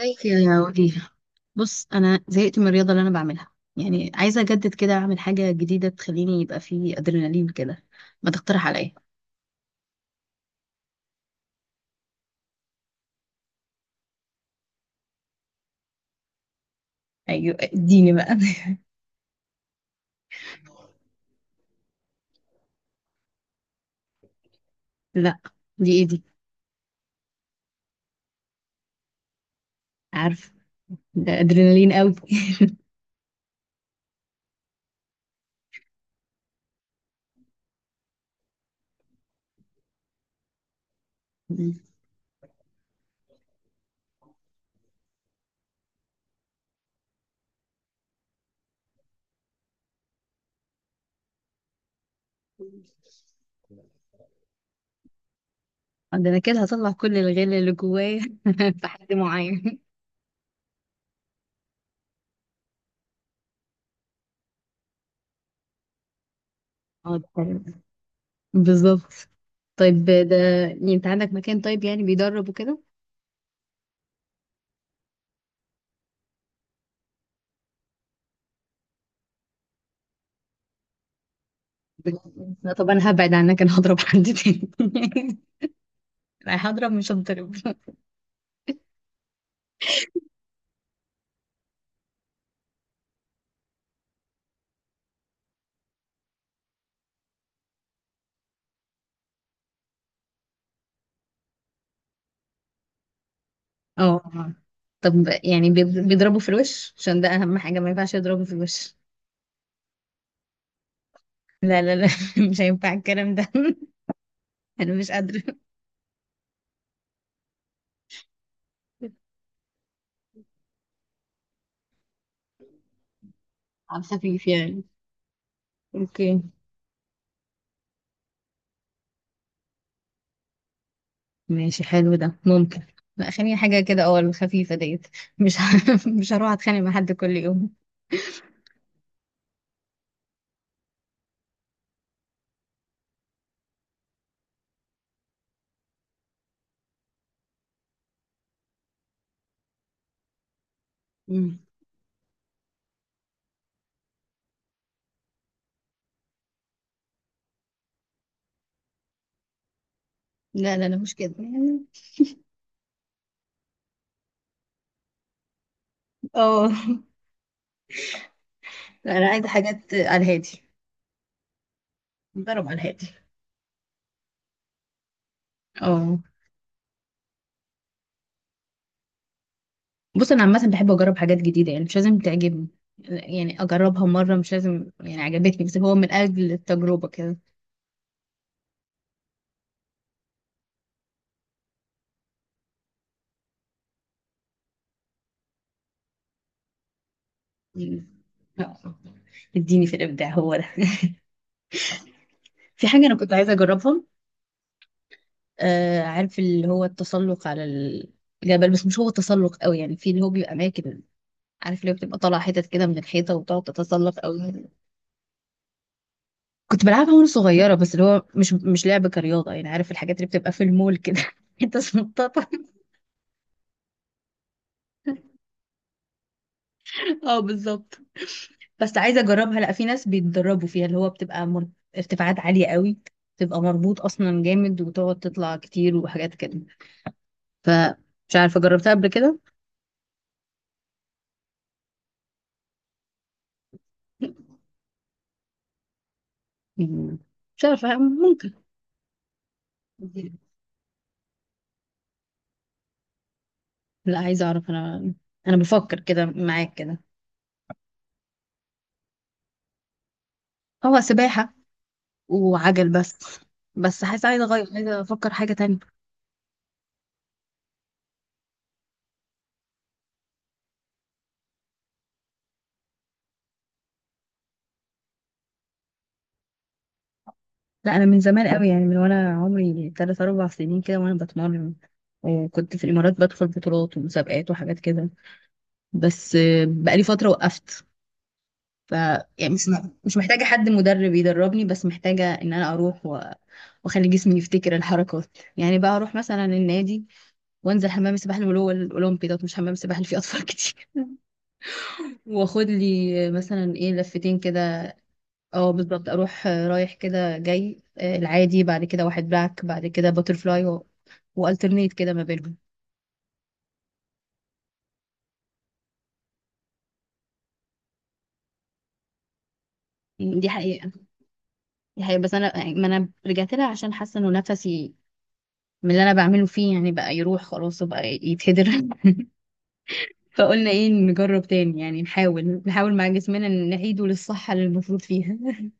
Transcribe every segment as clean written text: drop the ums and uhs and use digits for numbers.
ازيك يا وليلة؟ بص انا زهقت من الرياضه اللي انا بعملها. يعني عايزه اجدد كده، اعمل حاجه جديده تخليني يبقى فيه ادرينالين كده. ما تقترح عليا؟ ايوه اديني بقى. لا، دي ايه دي؟ عارف، ده ادرينالين قوي. ده انا كده هطلع كل الغل اللي جوايا في حد معين. اه ده حلو. بالظبط. طيب ده، يعني انت عندك مكان طيب يعني بيدرب وكده؟ لا طب انا هبعد عنك، انا هضرب حد تاني. رايح اضرب مش هضرب. اه آه. طب يعني بيضربوا في الوش، عشان ده اهم حاجة، ما ينفعش يضربوا في الوش. لا لا لا، مش هينفع الكلام ده. انا مش قادرة. على الخفيف يعني. اوكي، ماشي حلو ده ممكن. لا خليني حاجة كده، اه الخفيفة ديت. مش ه... مش هروح اتخانق مع حد كل يوم. مم. لا لا لا مش كده يعني. اه. لا، انا عايزة حاجات على الهادي. ضرب على الهادي. اه. بص انا عامه بحب اجرب حاجات جديده، يعني مش لازم تعجبني. يعني اجربها مره، مش لازم يعني عجبتني، بس هو من اجل التجربه كده. مم. آه، اديني في الابداع هو ده. في حاجه انا كنت عايزه اجربها. آه عارف اللي هو التسلق على الجبل، بس مش هو تسلق قوي يعني، في اللي هو بيبقى اماكن، عارف اللي هو بتبقى طالعه حتت كده من الحيطه وتقعد تتسلق قوي. كنت بلعبها وانا صغيره، بس اللي هو مش لعب كرياضه يعني، عارف الحاجات اللي بتبقى في المول كده، انت سنططه. اه بالظبط. بس عايزه اجربها. لا، في ناس بيتدربوا فيها، اللي هو بتبقى ارتفاعات عاليه قوي، بتبقى مربوط اصلا جامد، وتقعد تطلع كتير وحاجات كده. فمش عارفه، جربتها قبل كده؟ مم. مش عارفه، ممكن. لا عايزه اعرف انا، انا بفكر كده معاك كده. هو سباحه وعجل بس. بس حاسه عايزه اغير، عايزه افكر حاجه تانية. لا انا من زمان قوي، يعني من وانا عمري 3 4 سنين كده وانا بتمرن. وكنت في الامارات بدخل بطولات ومسابقات وحاجات كده، بس آه، بقالي فترة وقفت. ف يعني مش محتاجة حد مدرب يدربني، بس محتاجة ان انا اروح و... واخلي جسمي يفتكر الحركات. يعني بقى اروح مثلا النادي وانزل حمام السباحة اللي هو الاولمبي ده، مش حمام السباحة اللي فيه اطفال كتير. واخد لي مثلا ايه لفتين كده. اه بالظبط، اروح آه، رايح كده جاي آه، العادي، بعد كده واحد باك، بعد كده باترفلاي، و... والترنيت كده ما بينهم. دي حقيقة. دي حقيقة، بس انا يعني ما انا رجعت لها عشان حاسة انه نفسي من اللي انا بعمله فيه يعني بقى يروح خلاص وبقى يتهدر. فقلنا ايه، نجرب تاني، يعني نحاول مع جسمنا إن نعيده للصحة اللي المفروض فيها.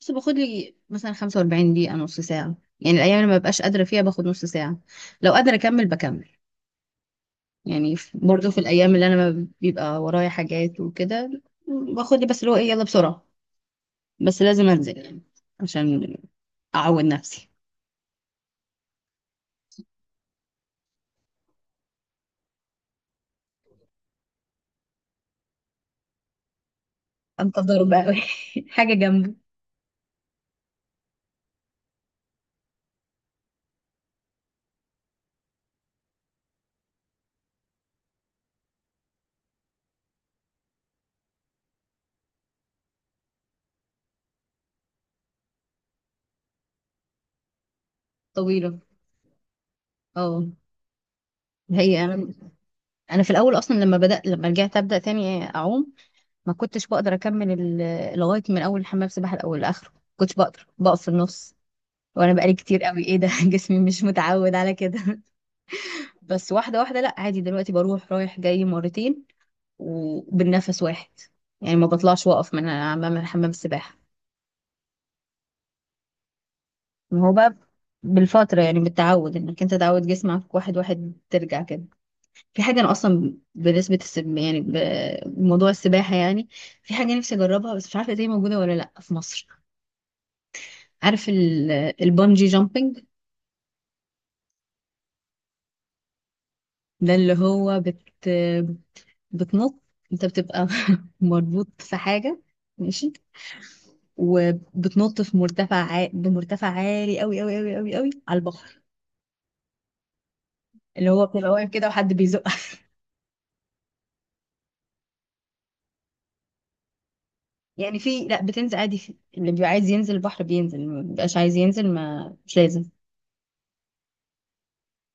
بس باخد لي مثلا 45 دقيقة، نص ساعة. يعني الأيام اللي ما ببقاش قادرة فيها باخد نص ساعة، لو قادرة أكمل بكمل. يعني برضو في الأيام اللي أنا ما بيبقى ورايا حاجات وكده، باخد لي بس اللي هو إيه، يلا بسرعة. بس لازم أنزل يعني، عشان أعود نفسي. أنت ضرب أوي. حاجة جنبي. طويلة. اه. هي أنا، انا في الاول اصلا لما بدات، لما رجعت ابدا تاني اعوم، ما كنتش بقدر اكمل لغايه من اول حمام سباحه الاول لاخره، ما كنتش بقدر بقف في النص، وانا بقالي كتير قوي ايه ده، جسمي مش متعود على كده. بس واحده واحده، لا عادي دلوقتي بروح رايح جاي مرتين، وبالنفس واحد، يعني ما بطلعش واقف من امام حمام السباحه. ما هو بقى، بالفتره يعني، بالتعود انك انت تعود جسمك واحد واحد ترجع كده. في حاجة أنا أصلا بنسبة السب يعني، بموضوع السباحة يعني، في حاجة نفسي أجربها، بس مش عارفة دي موجودة ولا لأ في مصر. عارف البungee جامبينج؟ ده اللي هو بتنط. أنت بتبقى مربوط في حاجة، ماشي، وبتنط في بمرتفع عالي أوي أوي أوي أوي أوي على البحر. اللي هو بتبقى واقف كده وحد بيزقك. يعني في، لأ بتنزل عادي اللي بيبقى عايز ينزل البحر بينزل، ما بيبقاش عايز ينزل ما مش لازم.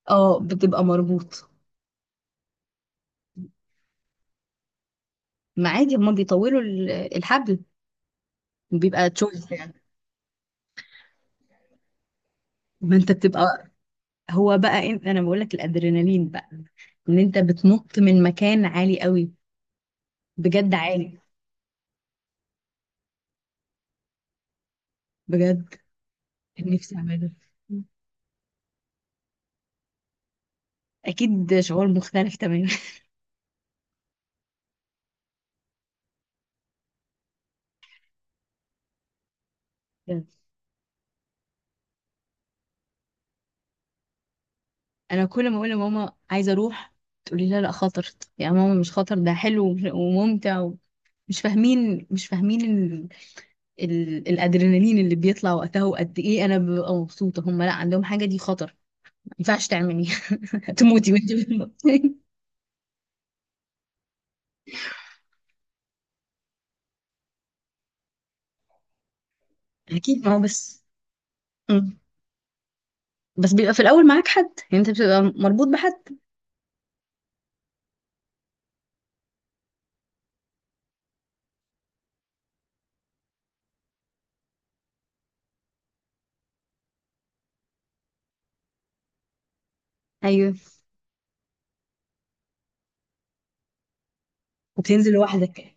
اه بتبقى مربوط. ما عادي، هما بيطولوا الحبل، بيبقى تشويس يعني. ما انت بتبقى، هو بقى انا بقول لك الادرينالين بقى، ان انت بتنط من مكان عالي قوي. بجد عالي. بجد، كان نفسي اعمله. اكيد شعور مختلف تماما. انا كل ما اقول لماما عايزه اروح، تقولي لا لا خطر. يا ماما مش خطر، ده حلو وممتع و... مش فاهمين الادرينالين اللي بيطلع وقتها وقد ايه انا ببقى مبسوطه. هم لا، عندهم حاجه دي خطر، ما ينفعش تعملي، هتموتي وانت بتموتي. اكيد، ما هو بس. مم. بس بيبقى في الاول معاك حد، يعني انت بتبقى مربوط بحد. ايوه وبتنزل لوحدك.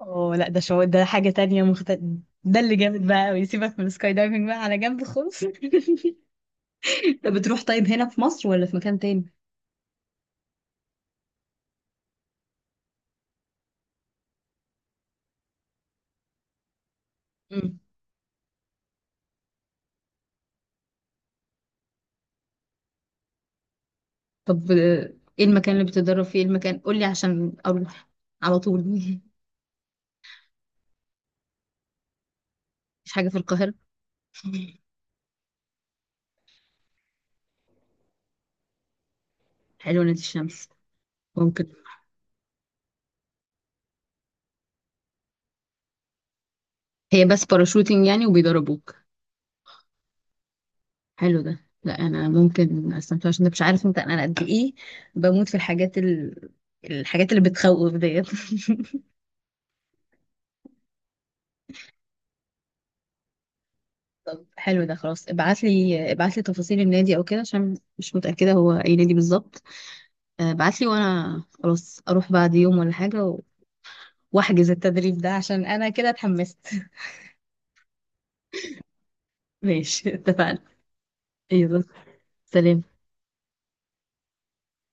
اه لا ده شعور، ده حاجة تانية مختلفة. ده اللي جامد بقى قوي، سيبك من السكاي دايفنج بقى على جنب خالص. طب بتروح طيب هنا في مصر ولا في مكان تاني؟ مم. طب آه، ايه المكان اللي بتتدرب فيه، إيه المكان قولي عشان اروح على طول. مش حاجه في القاهره؟ حلوه نادي الشمس. ممكن. هي بس باراشوتنج يعني وبيدربوك؟ حلو ده، لا انا ممكن استمتع، عشان مش عارف انت انا قد ايه بموت في الحاجات اللي بتخوف ديت. حلو ده، خلاص ابعت لي، ابعت لي تفاصيل النادي او كده، عشان مش متأكدة هو اي نادي بالظبط. آه، ابعت لي وانا خلاص اروح بعد يوم ولا حاجة و... واحجز التدريب ده، عشان انا كده اتحمست. ماشي، اتفقنا. يلا. سلام.